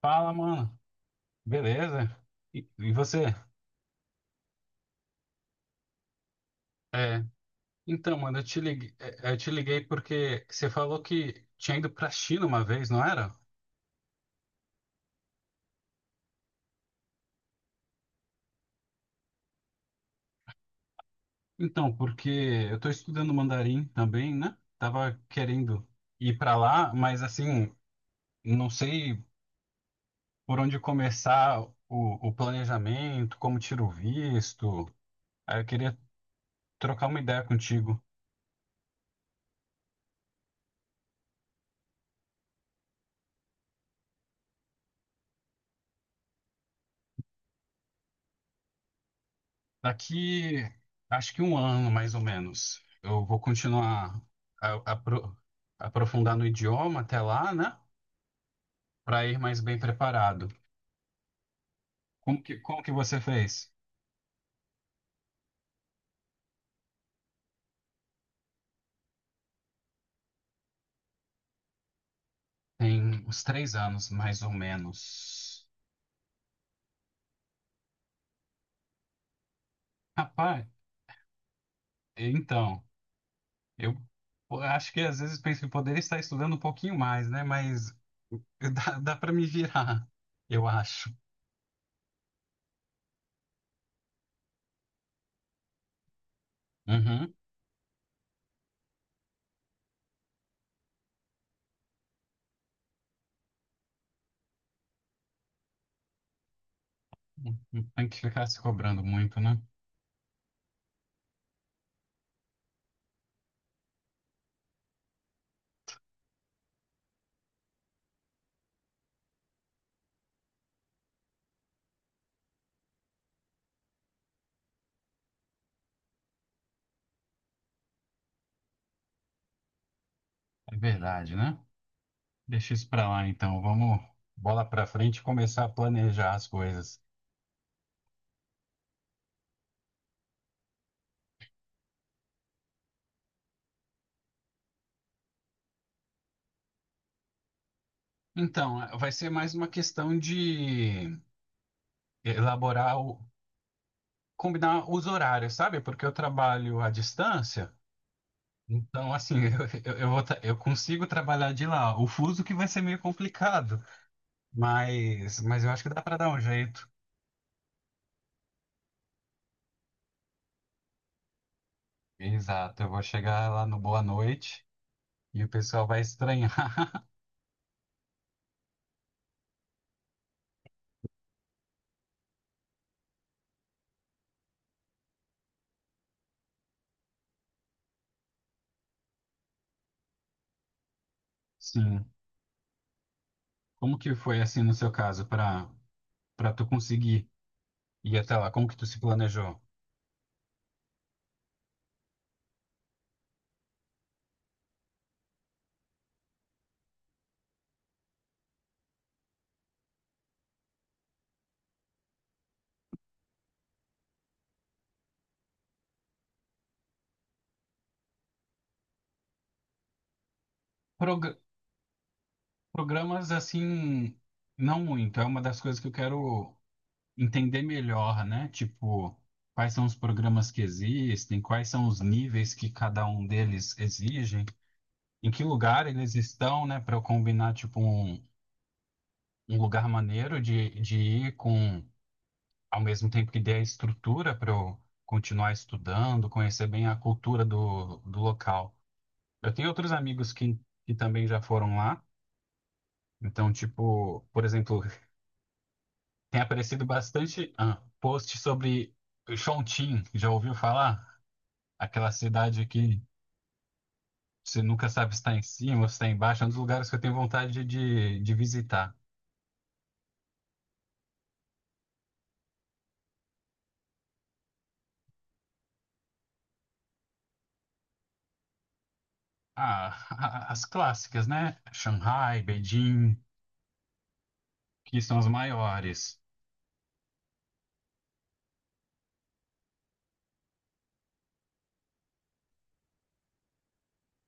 Fala, mano. Beleza? E você? É, então, mano, eu te liguei porque você falou que tinha ido pra China uma vez, não era? Então, porque eu tô estudando mandarim também, né? Tava querendo ir pra lá, mas assim, não sei por onde começar o planejamento, como tiro o visto. Aí eu queria trocar uma ideia contigo. Daqui, acho que um ano mais ou menos, eu vou continuar a aprofundar no idioma até lá, né? Para ir mais bem preparado. Como que você fez? Tem uns 3 anos mais ou menos. Rapaz, então, eu eu acho que às vezes penso que poderia estar estudando um pouquinho mais, né? Mas dá para me virar, eu acho. Uhum. Não tem que ficar se cobrando muito, né? É verdade, né? Deixa isso para lá, então. Vamos bola para frente e começar a planejar as coisas. Então, vai ser mais uma questão de elaborar combinar os horários, sabe? Porque eu trabalho à distância, então assim, eu consigo trabalhar de lá. O fuso que vai ser meio complicado, mas eu acho que dá para dar um jeito. Exato, eu vou chegar lá no Boa Noite e o pessoal vai estranhar. Sim. Como que foi assim no seu caso para tu conseguir? E até lá, como que tu se planejou? Progra- programas assim, não muito. É uma das coisas que eu quero entender melhor, né? Tipo, quais são os programas que existem, quais são os níveis que cada um deles exigem, em que lugar eles estão, né? Para eu combinar, tipo, um lugar maneiro de ir com, ao mesmo tempo que dê a estrutura para eu continuar estudando, conhecer bem a cultura do local. Eu tenho outros amigos que também já foram lá. Então, tipo, por exemplo, tem aparecido bastante post sobre Chongqing. Já ouviu falar? Aquela cidade que você nunca sabe se está em cima ou se está embaixo. É um dos lugares que eu tenho vontade de visitar. Ah, as clássicas, né? Shanghai, Beijing, que são as maiores.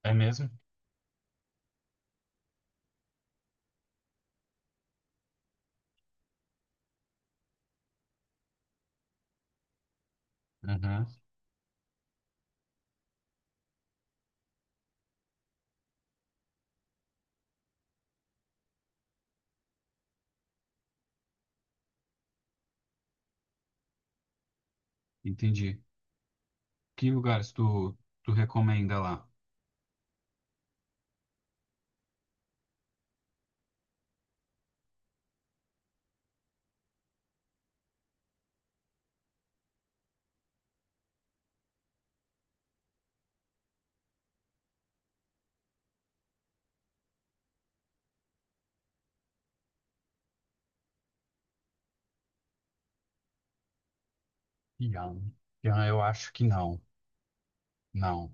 É mesmo? Uhum, entendi. Que lugares tu recomenda lá? Yang. Yang, eu acho que não. Não.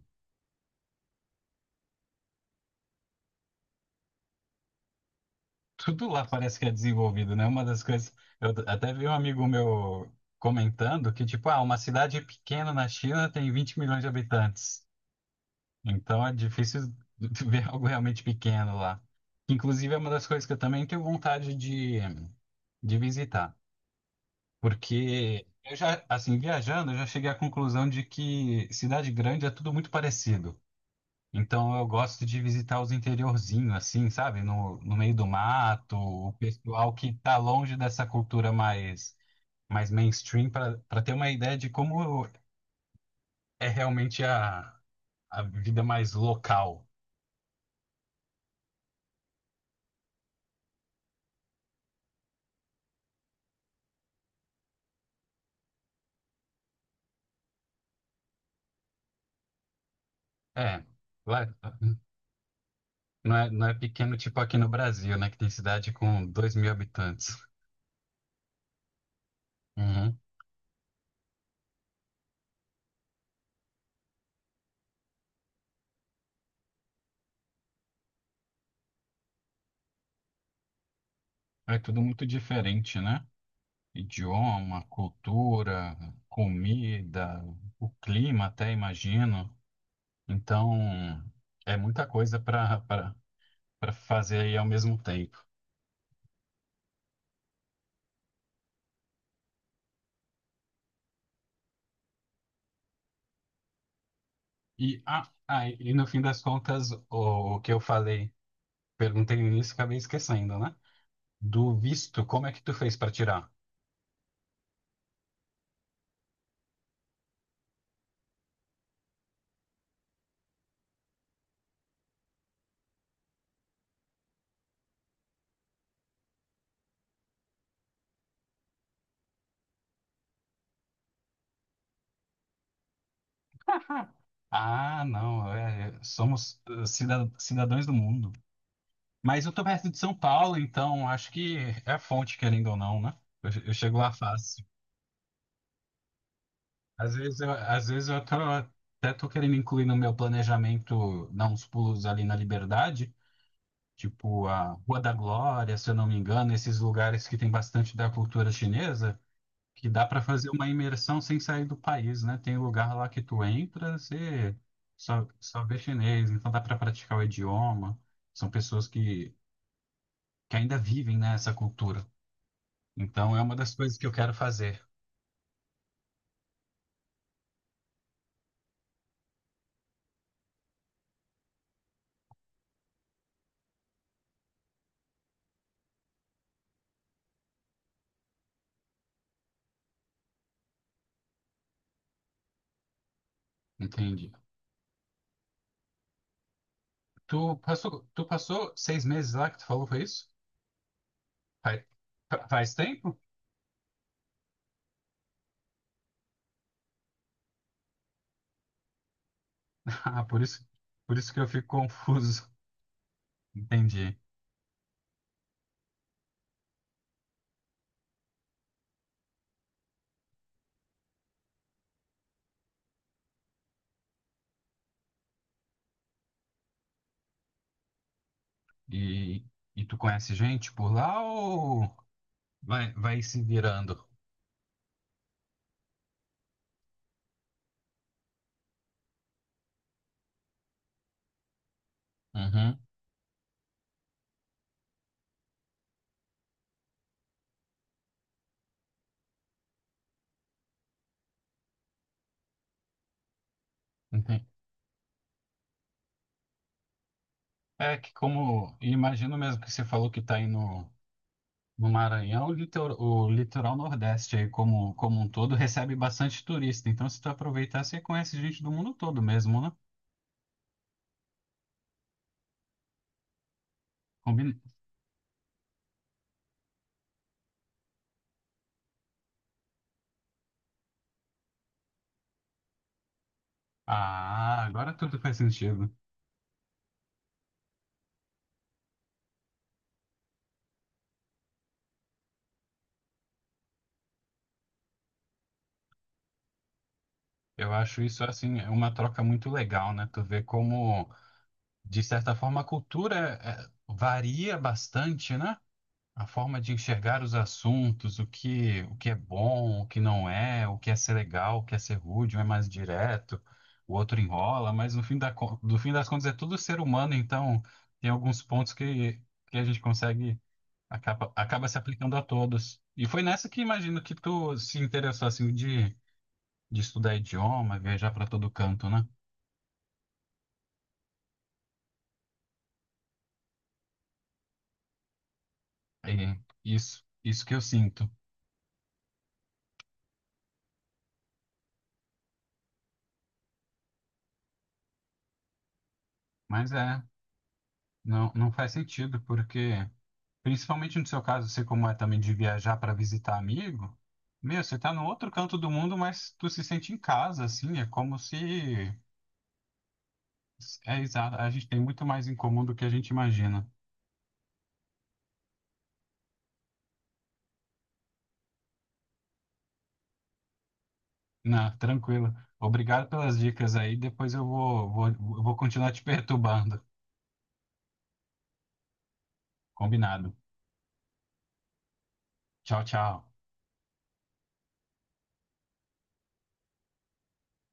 Tudo lá parece que é desenvolvido, né? Uma das coisas. Eu até vi um amigo meu comentando que, tipo, uma cidade pequena na China tem 20 milhões de habitantes. Então é difícil ver algo realmente pequeno lá. Inclusive, é uma das coisas que eu também tenho vontade de visitar. Porque eu já, assim, viajando, eu já cheguei à conclusão de que cidade grande é tudo muito parecido. Então eu gosto de visitar os interiorzinhos, assim, sabe? No meio do mato, o pessoal que tá longe dessa cultura mais mainstream, para ter uma ideia de como é realmente a vida mais local. É, lá- não é pequeno tipo aqui no Brasil, né? Que tem cidade com 2 mil habitantes. Uhum. É tudo muito diferente, né? Idioma, cultura, comida, o clima até, imagino. Então, é muita coisa para fazer aí ao mesmo tempo. E no fim das contas, o que eu falei, perguntei no início, e acabei esquecendo, né? Do visto, como é que tu fez para tirar? Ah, não, somos cidadãos do mundo. Mas eu tô perto de São Paulo, então acho que é fonte, querendo ou não, né? Eu chego lá fácil. Às vezes eu tô querendo incluir no meu planejamento dar uns pulos ali na Liberdade, tipo a Rua da Glória, se eu não me engano, esses lugares que tem bastante da cultura chinesa, que dá para fazer uma imersão sem sair do país, né? Tem lugar lá que tu entra, você só vê chinês, então dá para praticar o idioma. São pessoas que ainda vivem, né, essa cultura. Então é uma das coisas que eu quero fazer. Entendi. Tu passou 6 meses lá que tu falou, foi isso? Faz, faz tempo? Ah, por isso que eu fico confuso. Entendi. E, e tu conhece gente por lá ou vai se virando? Uhum, entendi. É que como, imagino mesmo que você falou que tá aí no, no Maranhão, o litoral Nordeste aí como um todo recebe bastante turista. Então se tu aproveitar, você conhece gente do mundo todo mesmo, né? Combina- Ah, agora tudo faz sentido. Eu acho isso assim é uma troca muito legal, né? Tu vê como, de certa forma, a cultura varia bastante, né? A forma de enxergar os assuntos, o que é bom, o que não é, o que é ser legal, o que é ser rude, um é mais direto, o outro enrola, mas no fim das contas é tudo ser humano, então tem alguns pontos que a gente acaba se aplicando a todos. E foi nessa que imagino que tu se interessou assim de estudar idioma, viajar para todo canto, né? É isso que eu sinto. Mas não, não faz sentido, porque, principalmente no seu caso, você como é também de viajar para visitar amigo, meu, você tá no outro canto do mundo, mas tu se sente em casa, assim, é como se. É exato, a gente tem muito mais em comum do que a gente imagina. Não, tranquilo. Obrigado pelas dicas aí, depois eu vou continuar te perturbando. Combinado. Tchau, tchau.